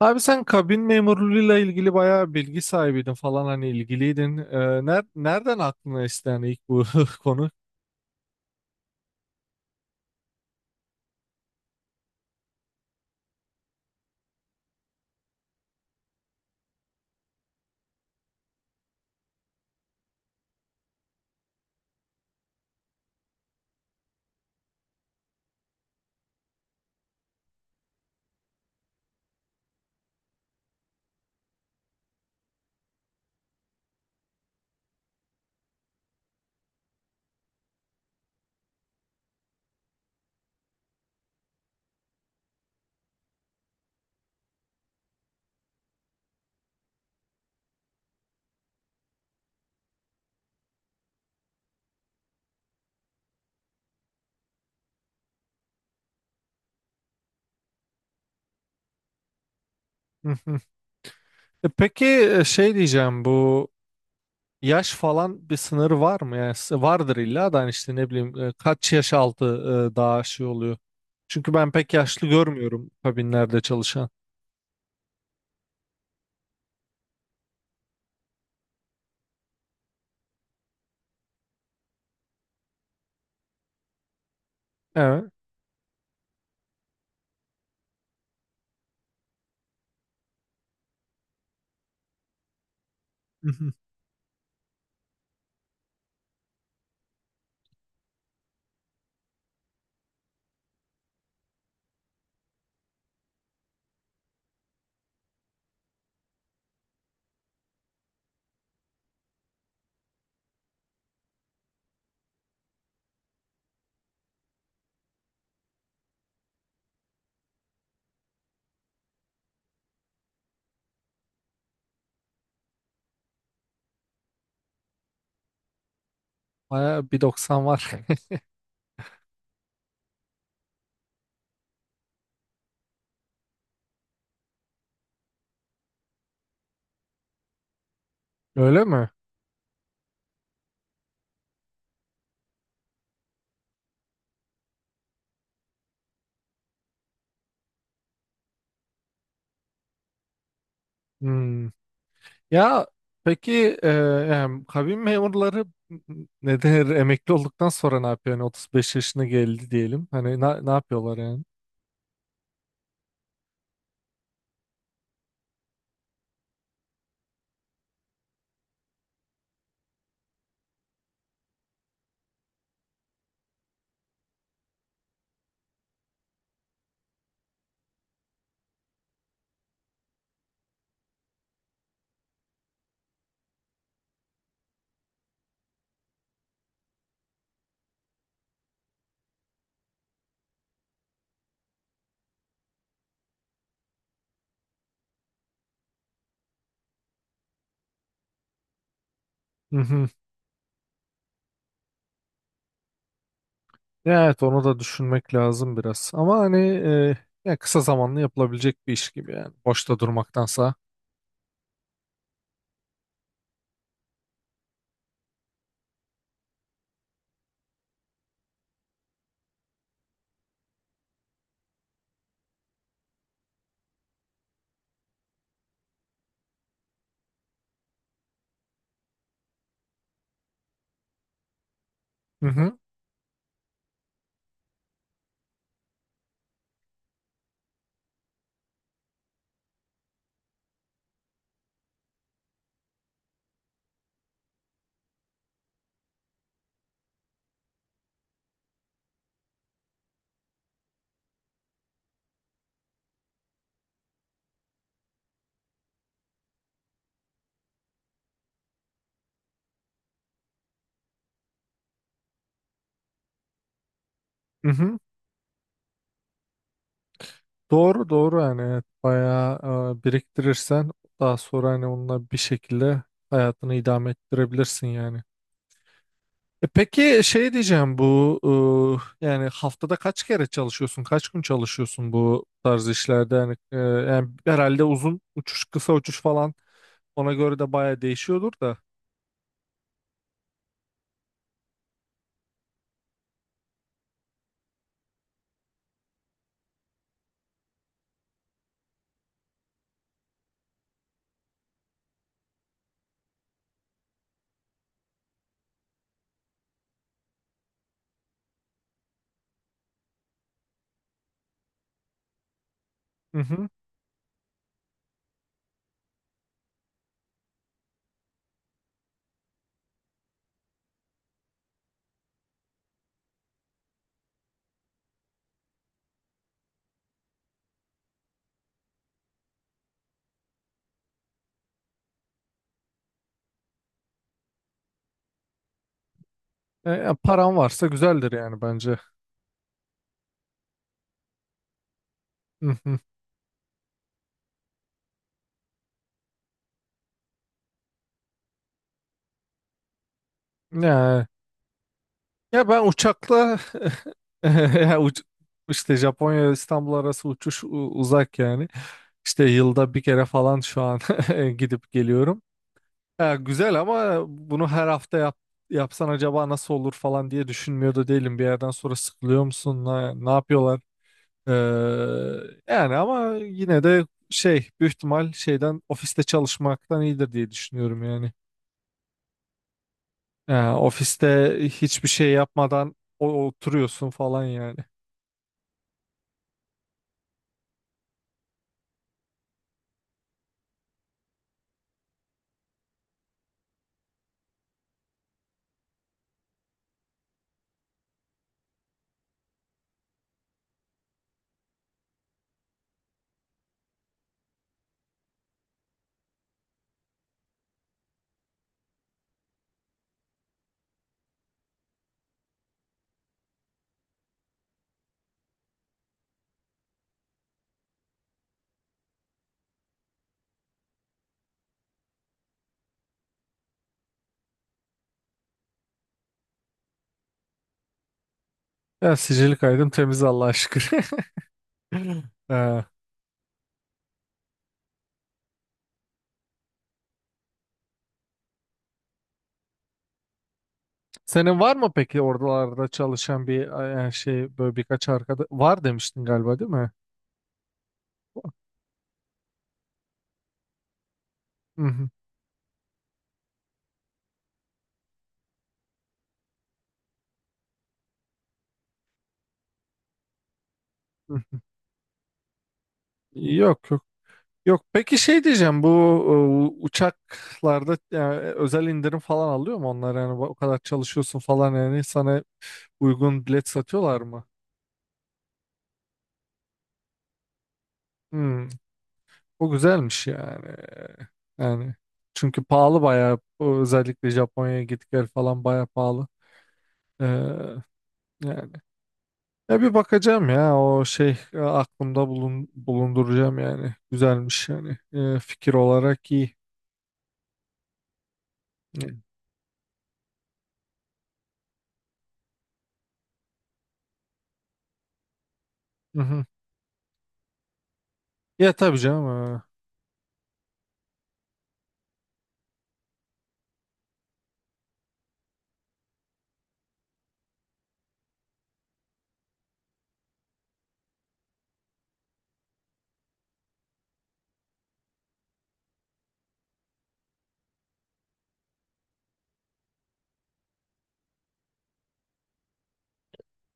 Abi sen kabin memurluğuyla ilgili bayağı bilgi sahibiydin falan hani ilgiliydin. Nereden aklına esti yani ilk bu konu? Hı hı. Peki, şey diyeceğim, bu yaş falan bir sınırı var mı? Yani vardır illa da, hani işte ne bileyim, kaç yaş altı daha şey oluyor. Çünkü ben pek yaşlı görmüyorum kabinlerde çalışan. Evet. Hı hı. Bayağı bir doksan var. Öyle mi? Hmm. Ya peki, yani kabin memurları ne der emekli olduktan sonra ne yapıyor? Yani 35 yaşına geldi diyelim. Hani ne yapıyorlar yani? Hı hı. Ya evet, onu da düşünmek lazım biraz. Ama hani, ya kısa zamanlı yapılabilecek bir iş gibi yani. Boşta durmaktansa. Hı hı. Hı hı. Doğru doğru yani, evet. Bayağı biriktirirsen daha sonra hani onunla bir şekilde hayatını idame ettirebilirsin yani. E peki, şey diyeceğim, bu yani haftada kaç kere çalışıyorsun? Kaç gün çalışıyorsun bu tarz işlerde? Yani, yani herhalde uzun uçuş, kısa uçuş falan, ona göre de baya değişiyordur da. Hı hı. E, ya paran varsa güzeldir yani, bence. Hı hı. Ya, ya ben uçakla ya uç- işte Japonya İstanbul arası uçuş uzak yani. İşte yılda bir kere falan şu an gidip geliyorum. Ya güzel, ama bunu her hafta yapsan acaba nasıl olur falan diye düşünmüyor da değilim. Bir yerden sonra sıkılıyor musun? Ne yapıyorlar? Ee, Yani ama yine de şey, büyük ihtimal şeyden, ofiste çalışmaktan iyidir diye düşünüyorum yani. Ya ofiste hiçbir şey yapmadan oturuyorsun falan yani. Ya sicili kaydım temiz, Allah'a şükür. Ee, Senin var mı peki oralarda çalışan bir şey, böyle birkaç arkadaş var demiştin galiba, değil mi? Hı hı. Yok yok yok. Peki şey diyeceğim, bu uçaklarda yani, özel indirim falan alıyor mu onlar? Yani o kadar çalışıyorsun falan yani, sana uygun bilet satıyorlar mı? Hmm, o güzelmiş yani. Yani çünkü pahalı bayağı, o özellikle Japonya'ya git gel falan bayağı pahalı. Ee, Yani ya bir bakacağım, ya o şey, bulunduracağım yani, güzelmiş yani. Fikir olarak iyi. Yani. Hı hı. Ya tabii canım.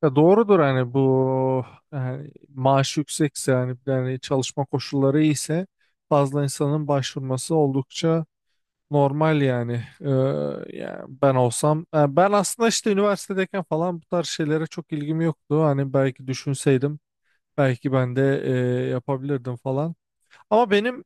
Ya doğrudur, hani bu yani maaş yüksekse yani, yani çalışma koşulları iyiyse fazla insanın başvurması oldukça normal yani. Ee, Yani ben olsam, yani ben aslında işte üniversitedeyken falan bu tarz şeylere çok ilgim yoktu. Hani belki düşünseydim belki ben de yapabilirdim falan. Ama benim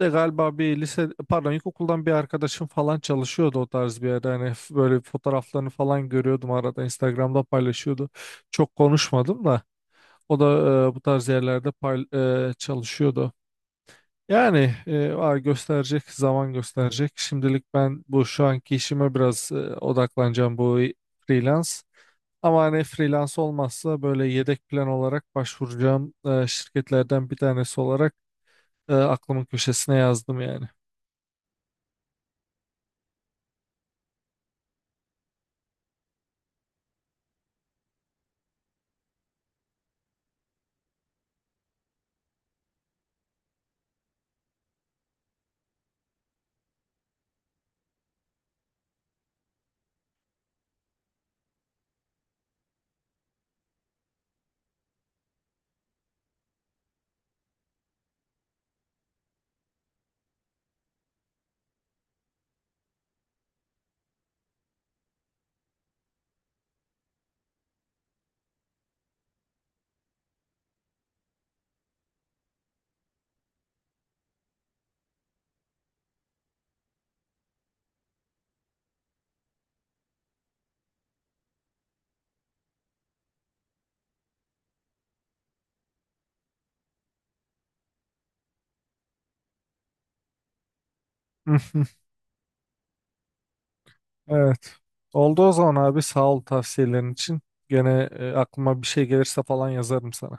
de galiba bir lise, pardon, ilkokuldan bir arkadaşım falan çalışıyordu o tarz bir yerde. Hani böyle fotoğraflarını falan görüyordum arada, Instagram'da paylaşıyordu. Çok konuşmadım da. O da bu tarz yerlerde çalışıyordu. Yani, zaman gösterecek. Şimdilik ben bu şu anki işime biraz odaklanacağım, bu freelance. Ama hani freelance olmazsa böyle yedek plan olarak başvuracağım şirketlerden bir tanesi olarak aklımın köşesine yazdım yani. Evet. Oldu o zaman abi, sağ ol tavsiyelerin için. Gene aklıma bir şey gelirse falan yazarım sana.